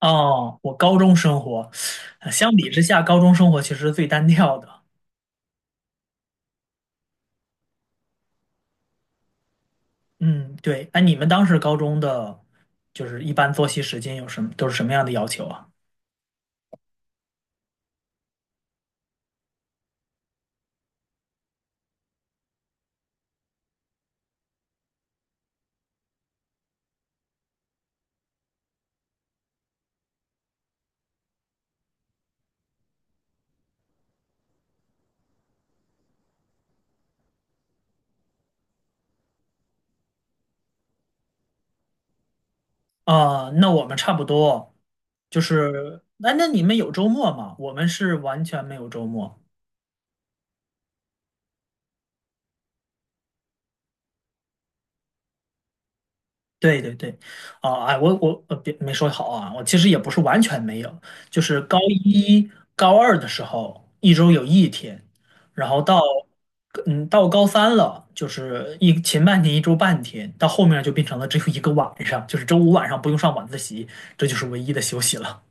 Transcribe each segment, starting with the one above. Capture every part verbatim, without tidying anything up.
哦，我高中生活，呃相比之下，高中生活其实最单调的。嗯，对。哎，你们当时高中的，就是一般作息时间有什么，都是什么样的要求啊？啊，那我们差不多，就是，那那你们有周末吗？我们是完全没有周末。对对对，啊、哎，我我呃别没说好啊，我其实也不是完全没有，就是高一高二的时候，一周有一天，然后到嗯到高三了，就是一前半天一周半天，到后面就变成了只有一个晚上，就是周五晚上不用上晚自习，这就是唯一的休息了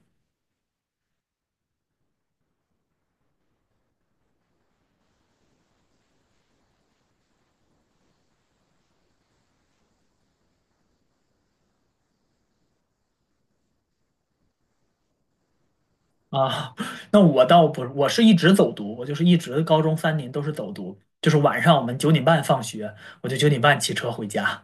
啊。那我倒不，我是一直走读，我就是一直高中三年都是走读，就是晚上我们九点半放学，我就九点半骑车回家。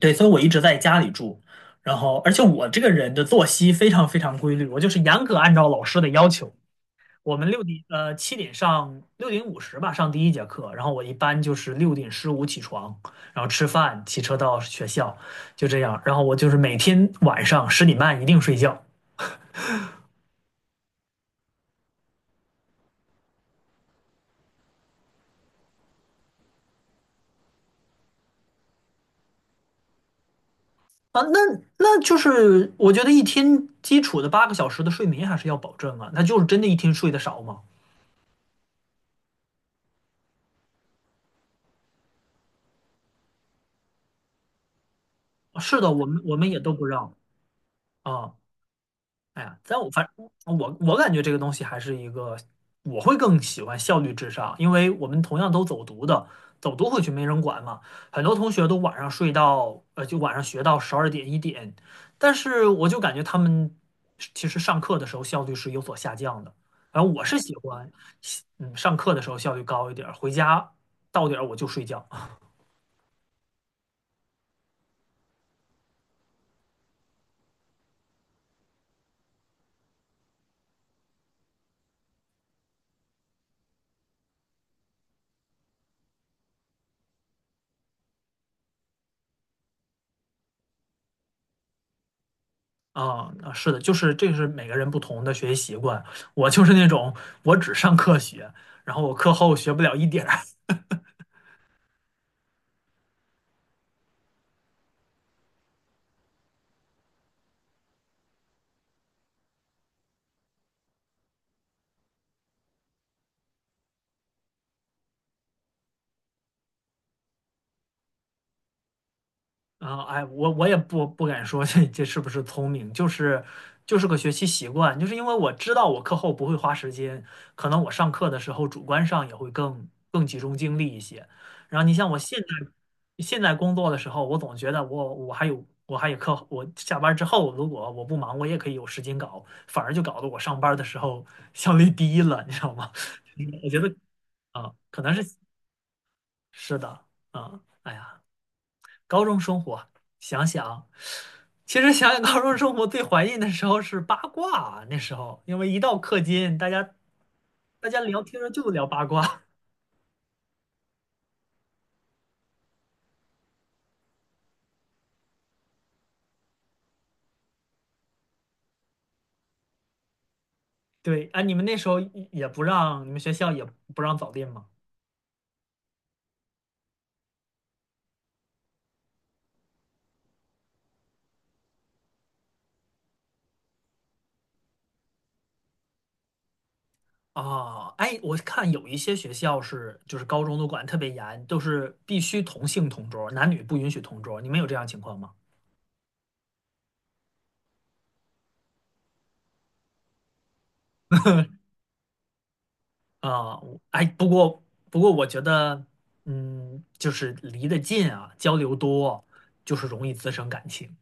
对，所以我一直在家里住，然后而且我这个人的作息非常非常规律，我就是严格按照老师的要求。我们六点呃七点上六点五十吧上第一节课，然后我一般就是六点十五起床，然后吃饭，骑车到学校，就这样。然后我就是每天晚上十点半一定睡觉啊，那那就是我觉得一天基础的八个小时的睡眠还是要保证啊，那就是真的一天睡得少吗？啊是的，我们我们也都不让。啊，哎呀，但我反我我感觉这个东西还是一个，我会更喜欢效率至上，因为我们同样都走读的，走读回去没人管嘛，很多同学都晚上睡到，呃，就晚上学到十二点一点，但是我就感觉他们其实上课的时候效率是有所下降的，然后我是喜欢，嗯，上课的时候效率高一点儿回家到点儿我就睡觉。啊，啊是的，就是这个是每个人不同的学习习惯。我就是那种我只上课学，然后我课后学不了一点儿，啊，哎，我我也不不敢说这这是不是聪明，就是就是个学习习惯，就是因为我知道我课后不会花时间，可能我上课的时候主观上也会更更集中精力一些。然后你像我现在现在工作的时候，我总觉得我我还有我还有课后我下班之后如果我不忙，我也可以有时间搞，反而就搞得我上班的时候效率低了，你知道吗？我觉得啊，可能是是的啊，哎呀。高中生活，想想，其实想想高中生活最怀念的时候是八卦啊，那时候因为一到课间，大家大家聊天儿就聊八卦。对，哎，你们那时候也也不让，你们学校也不让早恋吗？啊，哎，我看有一些学校是就是高中都管得特别严，都是必须同性同桌，男女不允许同桌。你们有这样情况吗？啊，我哎，不过不过，我觉得，嗯，就是离得近啊，交流多，就是容易滋生感情。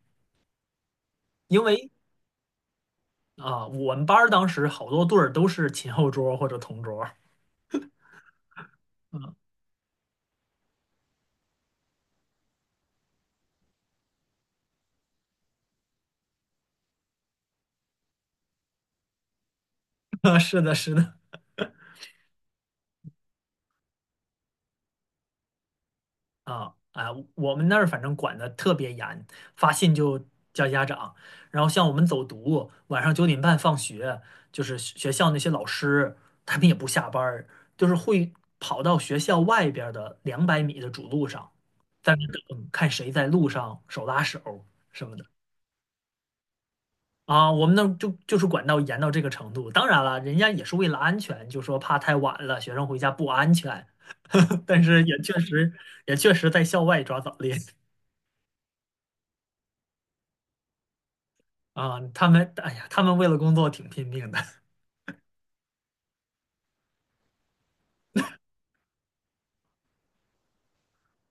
因为啊，我们班儿当时好多对儿都是前后桌儿或者同桌儿。 啊是的，是的，啊啊，我们那儿反正管得特别严，发信就叫家长。然后像我们走读，晚上九点半放学，就是学学校那些老师他们也不下班儿，就是会跑到学校外边儿的两百米的主路上，在那等看谁在路上手拉手什么的啊。我们那儿就就是管到严到这个程度。当然了，人家也是为了安全，就说怕太晚了，学生回家不安全。但是也确实也确实在校外抓早恋。啊，他们，哎呀，他们为了工作挺拼命的。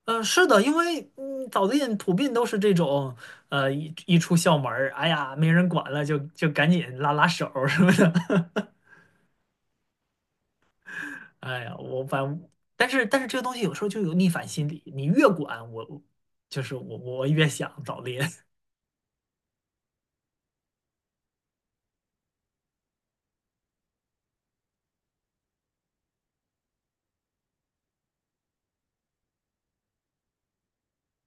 嗯，是的，因为嗯，早恋普遍都是这种，呃，一一出校门儿，哎呀，没人管了，就就赶紧拉拉手儿什么的。哎呀，我反正，但是但是这个东西有时候就有逆反心理，你越管我，我就是我我越想早恋。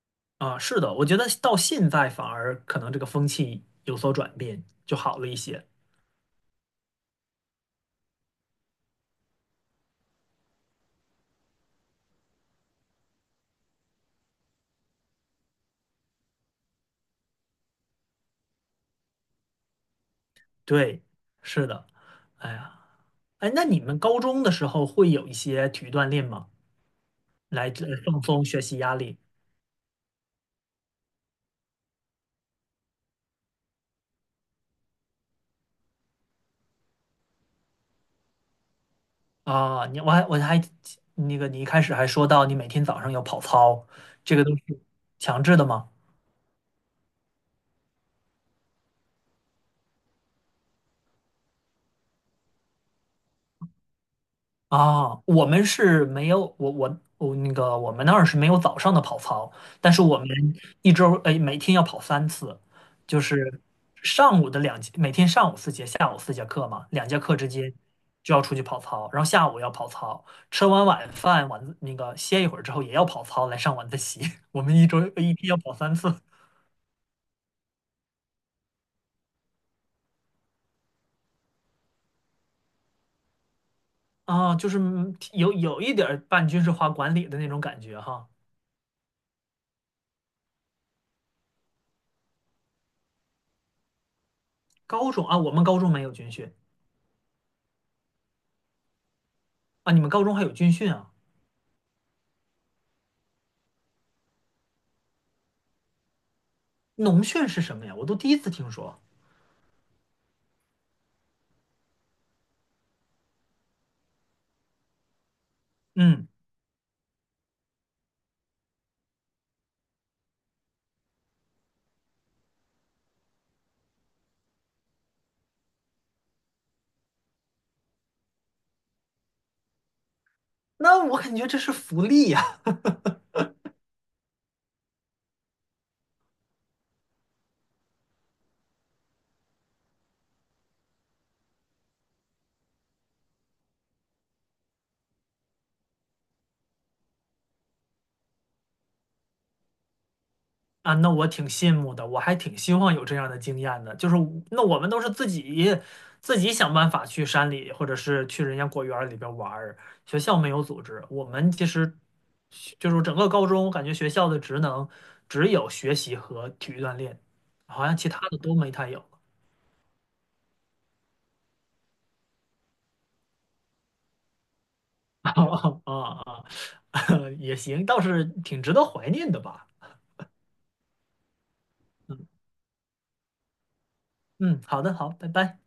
啊。是的，我觉得到现在反而可能这个风气有所转变，就好了一些。对，是的，哎呀，哎，那你们高中的时候会有一些体育锻炼吗？来这放松学习压力啊。你我还我还那个，你一开始还说到你每天早上有跑操，这个都是强制的吗？啊，我们是没有我我我那个我们那儿是没有早上的跑操，但是我们一周哎每天要跑三次，就是上午的两节，每天上午四节，下午四节课嘛，两节课之间就要出去跑操，然后下午要跑操，吃完晚饭晚自那个歇一会儿之后也要跑操来上晚自习。我们一周一天要跑三次啊，就是嗯有有一点儿半军事化管理的那种感觉哈。高中啊，我们高中没有军训啊，你们高中还有军训啊？农训是什么呀？我都第一次听说。嗯，那我感觉这是福利呀！啊，那我挺羡慕的，我还挺希望有这样的经验的。就是那我们都是自己自己想办法去山里，或者是去人家果园里边玩儿。学校没有组织，我们其实就是整个高中，我感觉学校的职能只有学习和体育锻炼，好像其他的都没太有。啊啊啊！也行，倒是挺值得怀念的吧。嗯，嗯，好的，好，拜拜。